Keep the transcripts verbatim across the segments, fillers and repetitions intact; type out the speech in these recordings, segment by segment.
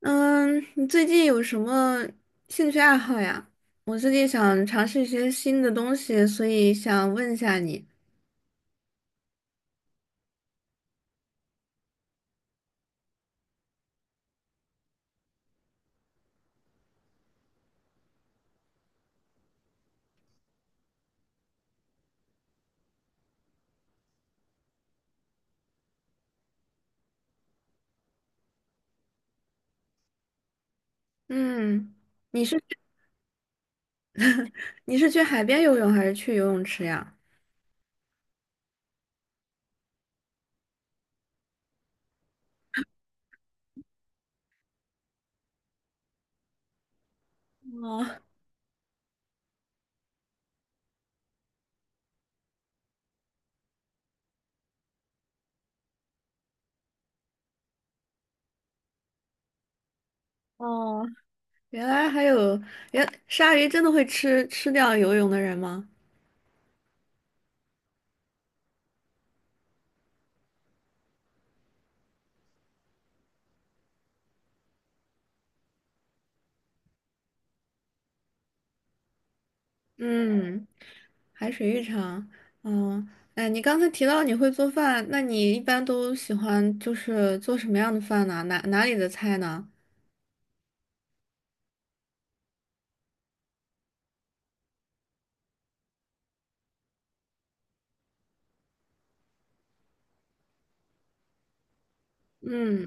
嗯，你最近有什么兴趣爱好呀？我最近想尝试一些新的东西，所以想问一下你，嗯，你是 你是去海边游泳还是去游泳池呀？哦哦，原来还有，原鲨鱼真的会吃吃掉游泳的人吗？嗯，海水浴场，嗯，哎，你刚才提到你会做饭，那你一般都喜欢就是做什么样的饭呢？哪哪里的菜呢？嗯。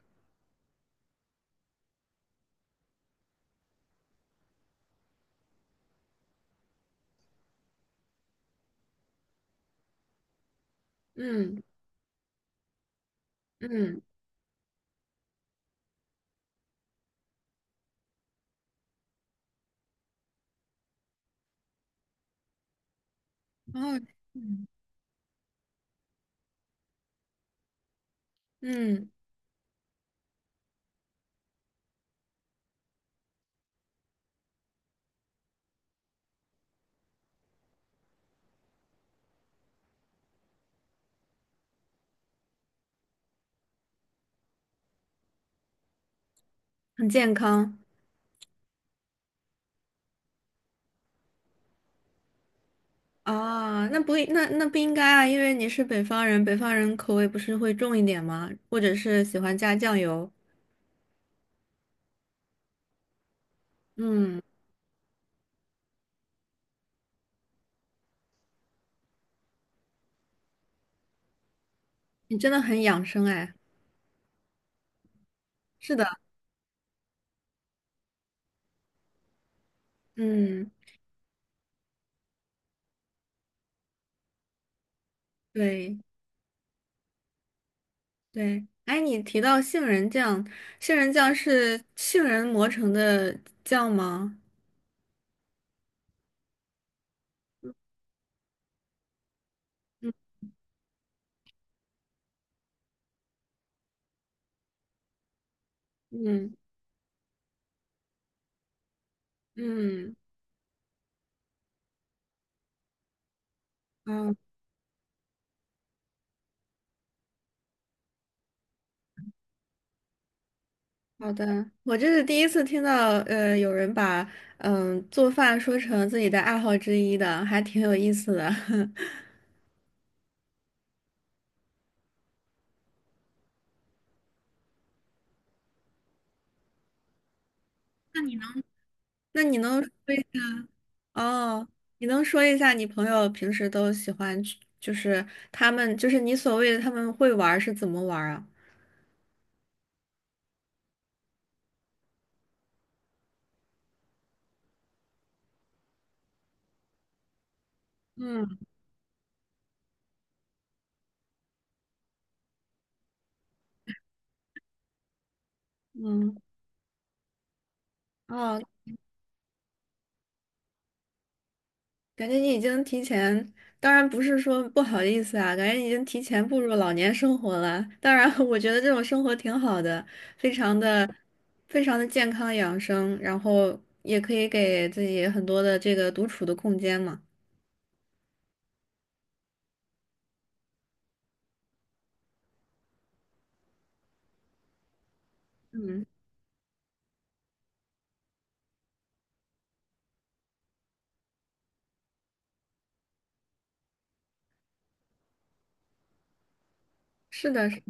嗯嗯，哦，嗯，嗯，很健康。啊，那不那那不应该啊，因为你是北方人，北方人口味不是会重一点吗？或者是喜欢加酱油。嗯，你真的很养生哎。是的，嗯，对对。哎，你提到杏仁酱，杏仁酱是杏仁磨成的酱吗？嗯嗯嗯，哦，好的，我这是第一次听到，呃，有人把嗯做饭说成自己的爱好之一的，还挺有意思的。那你能？那你能说一哦？你能说一下你朋友平时都喜欢去就是他们，就是你所谓的他们会玩儿是怎么玩儿啊？嗯嗯，哦，感觉你已经提前，当然不是说不好意思啊，感觉你已经提前步入老年生活了。当然，我觉得这种生活挺好的，非常的、非常的健康养生，然后也可以给自己很多的这个独处的空间嘛。嗯，是的，是，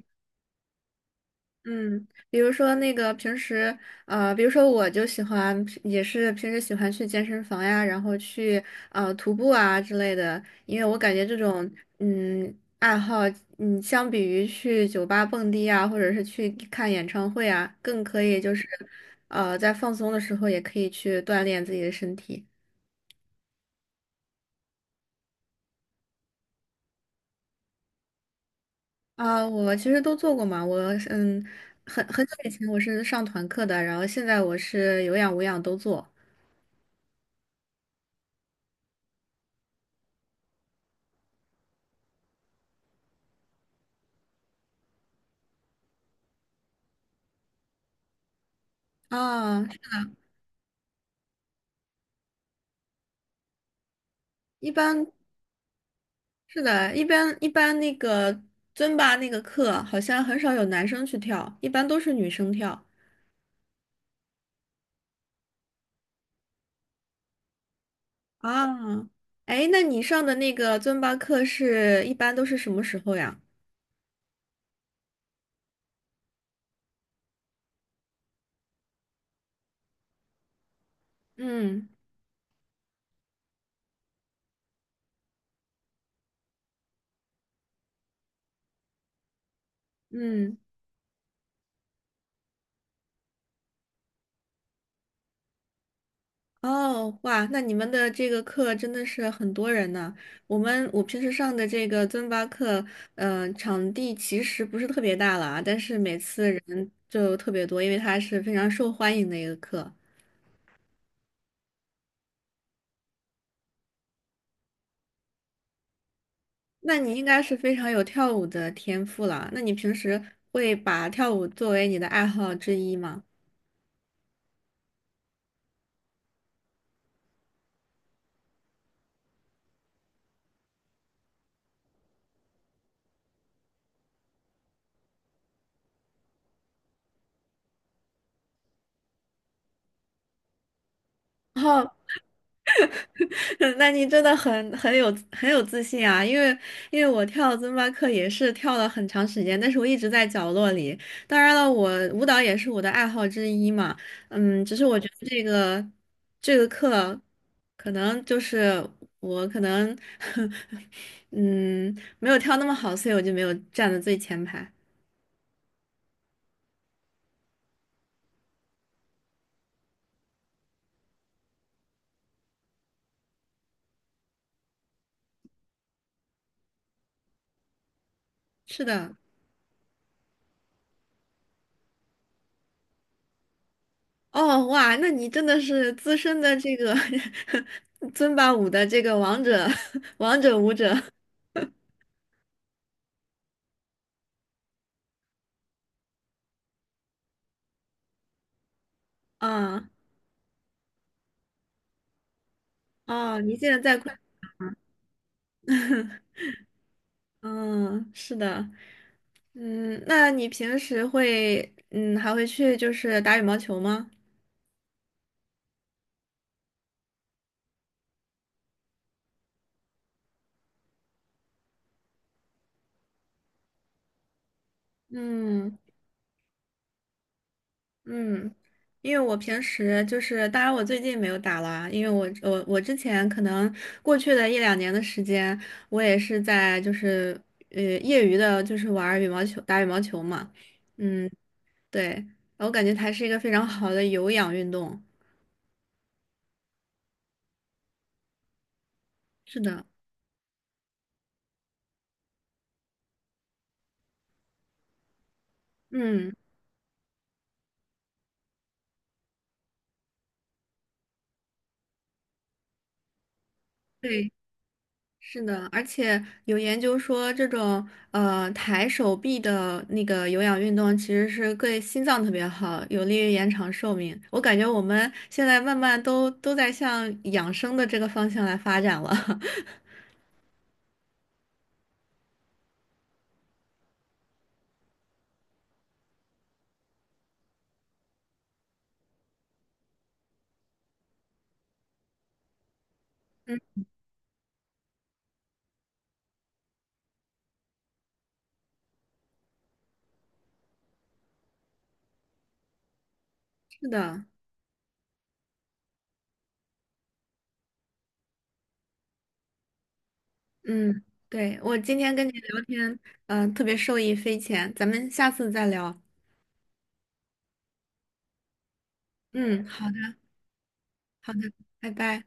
嗯，比如说那个平时，呃，比如说我就喜欢，也是平时喜欢去健身房呀，然后去呃徒步啊之类的，因为我感觉这种嗯爱好，嗯，相比于去酒吧蹦迪啊，或者是去看演唱会啊，更可以就是，呃，在放松的时候也可以去锻炼自己的身体。啊，我其实都做过嘛，我嗯，很很久以前我是上团课的，然后现在我是有氧无氧都做。啊，一般是的，一般一般那个尊巴那个课好像很少有男生去跳，一般都是女生跳啊。哎，那你上的那个尊巴课是一般都是什么时候呀？嗯嗯，哦，哇，那你们的这个课真的是很多人呢。我们我平时上的这个尊巴课，嗯，场地其实不是特别大了啊，但是每次人就特别多，因为它是非常受欢迎的一个课。那你应该是非常有跳舞的天赋了。那你平时会把跳舞作为你的爱好之一吗？哦，那你真的很很有很有自信啊！因为因为我跳尊巴课也是跳了很长时间，但是我一直在角落里。当然了，我舞蹈也是我的爱好之一嘛。嗯，只是我觉得这个这个课可能就是我可能 嗯没有跳那么好，所以我就没有站在最前排。是的。哦，哇，那你真的是资深的这个 尊巴舞的这个王者，王者舞者啊，哦，你现在在昆 嗯，是的，嗯，那你平时会，嗯，还会去就是打羽毛球吗？嗯。嗯，因为我平时就是，当然我最近没有打了，因为我我我之前可能过去的一两年的时间，我也是在就是呃业余的，就是玩儿羽毛球，打羽毛球嘛。嗯，对，我感觉它是一个非常好的有氧运动。是的，嗯，对。是的，而且有研究说，这种呃抬手臂的那个有氧运动其实是对心脏特别好，有利于延长寿命。我感觉我们现在慢慢都都在向养生的这个方向来发展了。嗯，是的，嗯，对，我今天跟你聊天，嗯、特别受益匪浅，咱们下次再聊。嗯，好的，好的，拜拜。